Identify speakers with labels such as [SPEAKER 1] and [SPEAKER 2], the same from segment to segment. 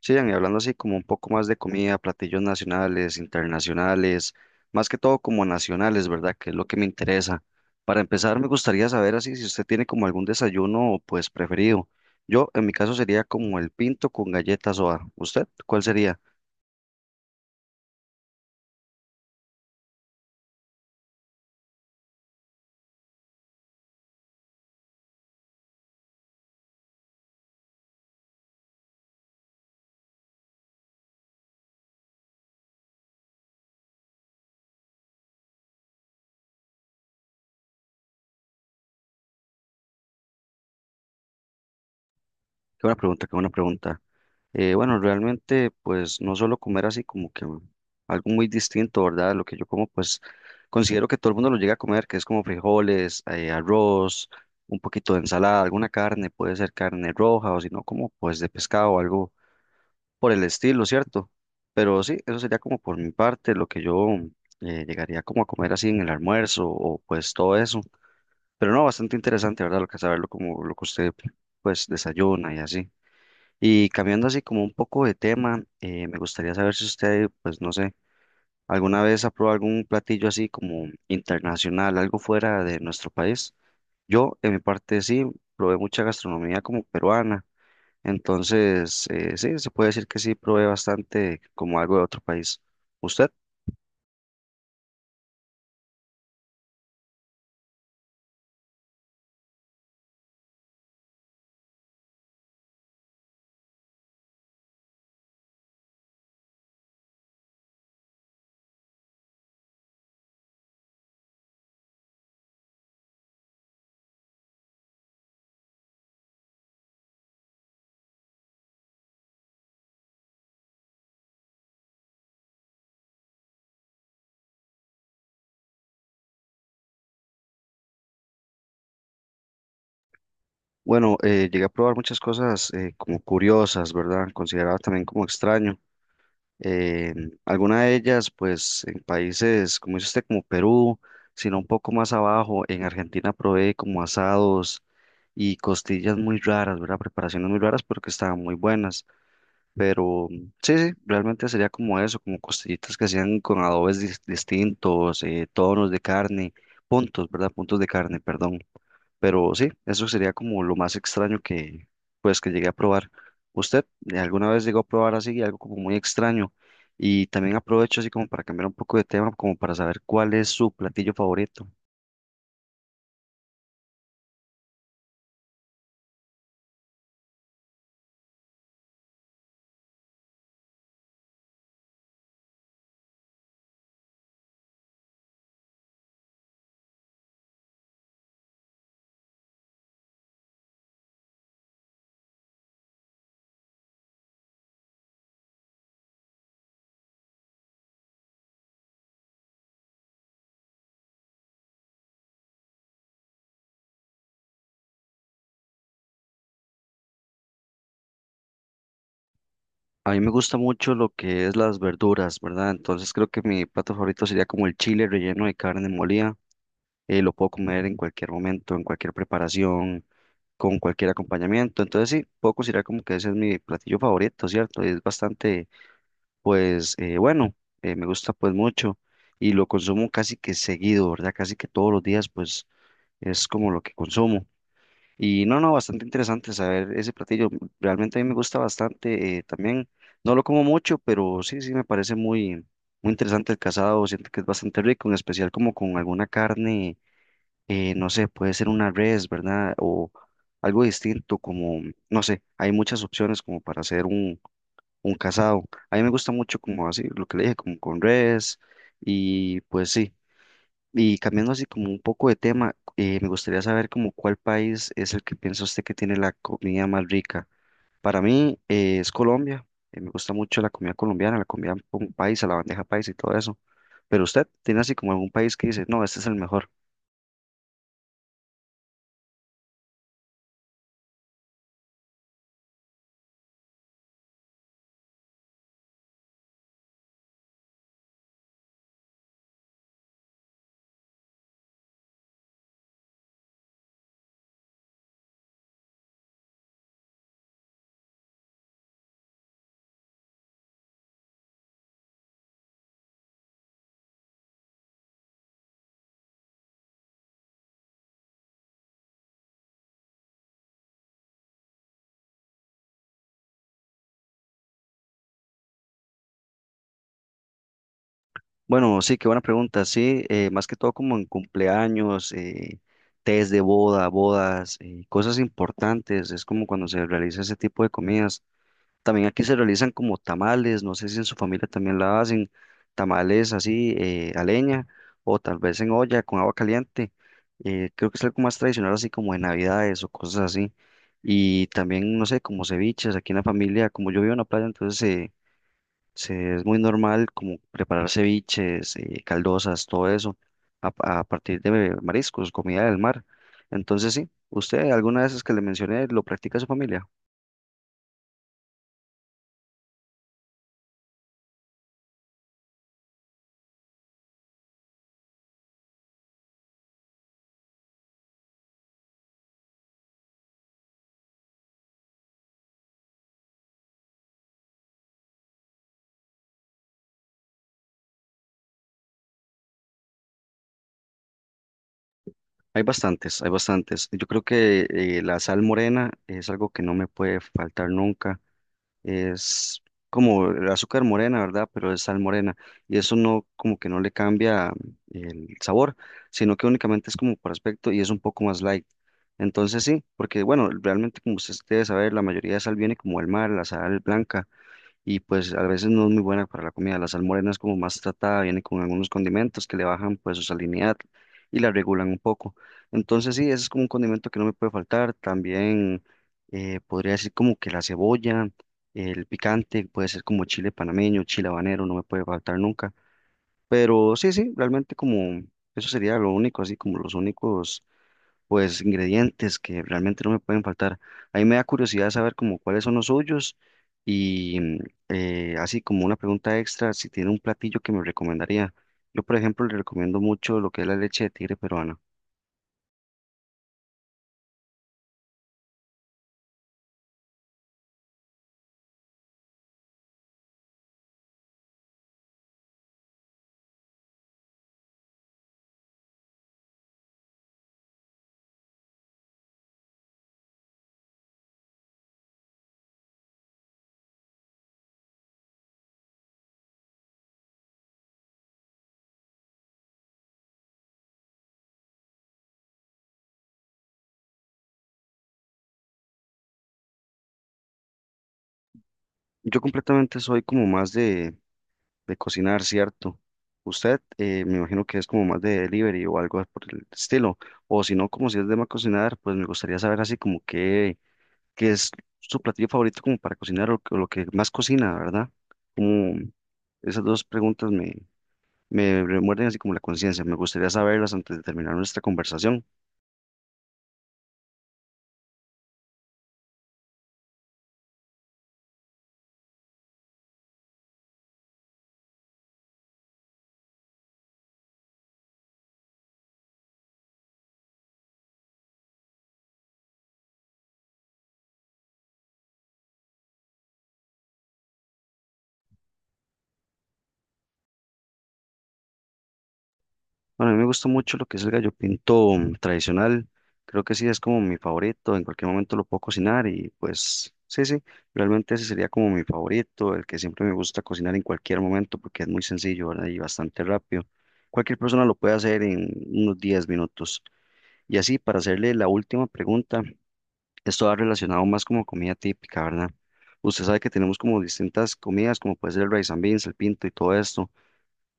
[SPEAKER 1] Sí, Ian, y hablando así como un poco más de comida, platillos nacionales, internacionales, más que todo como nacionales, ¿verdad? Que es lo que me interesa. Para empezar, me gustaría saber así si usted tiene como algún desayuno pues preferido. Yo, en mi caso, sería como el pinto con galletas o ¿usted cuál sería? Qué buena pregunta, qué buena pregunta. Bueno, realmente, pues no solo comer así como que algo muy distinto, ¿verdad? Lo que yo como, pues considero que todo el mundo lo llega a comer, que es como frijoles, arroz, un poquito de ensalada, alguna carne, puede ser carne roja o si no, como pues de pescado o algo por el estilo, ¿cierto? Pero sí, eso sería como por mi parte lo que yo llegaría como a comer así en el almuerzo o pues todo eso. Pero no, bastante interesante, ¿verdad? Lo que saberlo como lo que usted pues desayuna y así. Y cambiando así como un poco de tema, me gustaría saber si usted, pues no sé, alguna vez ha probado algún platillo así como internacional, algo fuera de nuestro país. Yo, en mi parte, sí, probé mucha gastronomía como peruana. Entonces, sí, se puede decir que sí, probé bastante como algo de otro país. ¿Usted? Bueno, llegué a probar muchas cosas como curiosas, ¿verdad? Consideraba también como extraño. eh, Alguna de ellas, pues en países, como dice usted, como Perú, sino un poco más abajo, en Argentina probé como asados y costillas muy raras, ¿verdad? Preparaciones muy raras, pero que estaban muy buenas. Pero sí, sí, realmente sería como eso, como costillitas que hacían con adobes distintos, tonos de carne, puntos, ¿verdad? Puntos de carne, perdón. Pero sí, eso sería como lo más extraño que, pues, que llegué a probar. ¿Usted alguna vez llegó a probar así algo como muy extraño? Y también aprovecho así como para cambiar un poco de tema, como para saber cuál es su platillo favorito. A mí me gusta mucho lo que es las verduras, ¿verdad? Entonces creo que mi plato favorito sería como el chile relleno de carne molida. Lo puedo comer en cualquier momento, en cualquier preparación, con cualquier acompañamiento. Entonces sí, puedo considerar como que ese es mi platillo favorito, ¿cierto? Y es bastante pues bueno, me gusta pues mucho y lo consumo casi que seguido, ¿verdad? Casi que todos los días pues es como lo que consumo. Y no, no, bastante interesante saber ese platillo. Realmente a mí me gusta bastante también. No lo como mucho, pero sí, sí me parece muy, muy interesante el casado. Siento que es bastante rico, en especial como con alguna carne, no sé, puede ser una res, ¿verdad? O algo distinto, como, no sé, hay muchas opciones como para hacer un casado. A mí me gusta mucho como así, lo que le dije, como con res y pues sí. Y cambiando así como un poco de tema, me gustaría saber como cuál país es el que piensa usted que tiene la comida más rica. Para mí es Colombia. Me gusta mucho la comida colombiana, la comida país, paisa, la bandeja paisa y todo eso. Pero usted tiene así como algún país que dice, no, este es el mejor. Bueno, sí, qué buena pregunta. Sí, más que todo como en cumpleaños, tés de boda, bodas, cosas importantes. Es como cuando se realiza ese tipo de comidas. También aquí se realizan como tamales. No sé si en su familia también la hacen. Tamales así a leña o tal vez en olla con agua caliente. Creo que es algo más tradicional así como de navidades o cosas así. Y también, no sé, como ceviches. Aquí en la familia, como yo vivo en la playa, entonces... sí, es muy normal como preparar ceviches, caldosas, todo eso, a, a partir de mariscos, comida del mar. Entonces, sí, usted, alguna de esas que le mencioné, lo practica su familia. Hay bastantes, hay bastantes. Yo creo que la sal morena es algo que no me puede faltar nunca. Es como el azúcar morena, ¿verdad? Pero es sal morena y eso no como que no le cambia el sabor, sino que únicamente es como por aspecto y es un poco más light. Entonces sí, porque bueno, realmente como ustedes debe saber, la mayoría de sal viene como el mar, la sal blanca, y pues a veces no es muy buena para la comida. La sal morena es como más tratada, viene con algunos condimentos que le bajan pues su salinidad y la regulan un poco. Entonces sí, ese es como un condimento que no me puede faltar. También podría decir como que la cebolla, el picante, puede ser como chile panameño, chile habanero, no me puede faltar nunca. Pero sí, sí, realmente como eso sería lo único, así como los únicos pues ingredientes que realmente no me pueden faltar. A mí me da curiosidad saber como cuáles son los suyos y así como una pregunta extra, si tiene un platillo que me recomendaría. Yo, por ejemplo, le recomiendo mucho lo que es la leche de tigre peruana. Yo completamente soy como más de cocinar, ¿cierto? Usted me imagino que es como más de delivery o algo por el estilo. O si no, como si es de más cocinar, pues me gustaría saber así como qué, qué es su platillo favorito como para cocinar o lo que más cocina, ¿verdad? ¿Cómo, esas dos preguntas me, me remuerden así como la conciencia. Me gustaría saberlas antes de terminar nuestra conversación. Bueno, a mí me gusta mucho lo que es el gallo pinto tradicional. Creo que sí es como mi favorito. En cualquier momento lo puedo cocinar y pues sí, sí. Realmente ese sería como mi favorito, el que siempre me gusta cocinar en cualquier momento porque es muy sencillo, ¿verdad? Y bastante rápido. Cualquier persona lo puede hacer en unos 10 minutos. Y así, para hacerle la última pregunta, esto va relacionado más como comida típica, ¿verdad? Usted sabe que tenemos como distintas comidas, como puede ser el rice and beans, el pinto y todo esto.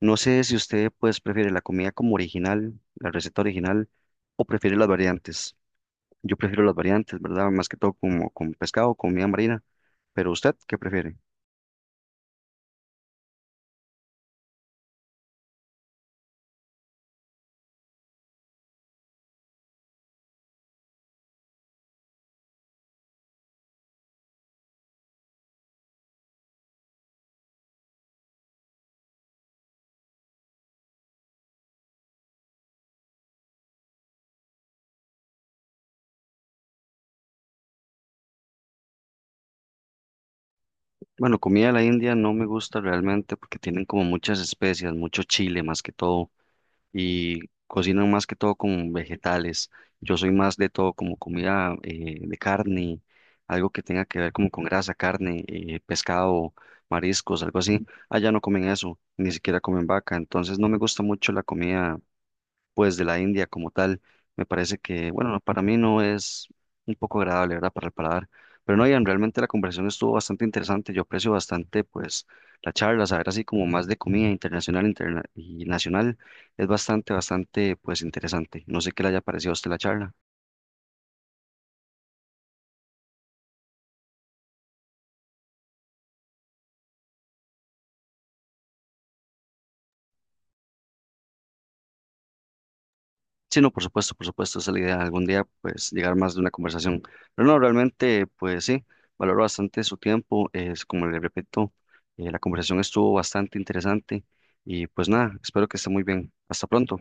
[SPEAKER 1] No sé si usted pues prefiere la comida como original, la receta original, o prefiere las variantes. Yo prefiero las variantes, ¿verdad? Más que todo como con pescado, comida marina. Pero usted, ¿qué prefiere? Bueno, comida de la India no me gusta realmente porque tienen como muchas especias, mucho chile más que todo. Y cocinan más que todo con vegetales. Yo soy más de todo como comida de carne, algo que tenga que ver como con grasa, carne, pescado, mariscos, algo así. Allá no comen eso, ni siquiera comen vaca, entonces no me gusta mucho la comida pues de la India como tal. Me parece que, bueno, para mí no es un poco agradable, ¿verdad? Para el paladar. Pero no, Ian, realmente la conversación estuvo bastante interesante. Yo aprecio bastante, pues, la charla, saber así como más de comida internacional y nacional. Es bastante, bastante, pues, interesante. No sé qué le haya parecido a usted la charla. Sí, no, por supuesto, esa es la idea, algún día pues llegar más de una conversación. Pero no, realmente pues sí, valoro bastante su tiempo, es como le repito, la conversación estuvo bastante interesante y pues nada, espero que esté muy bien. Hasta pronto.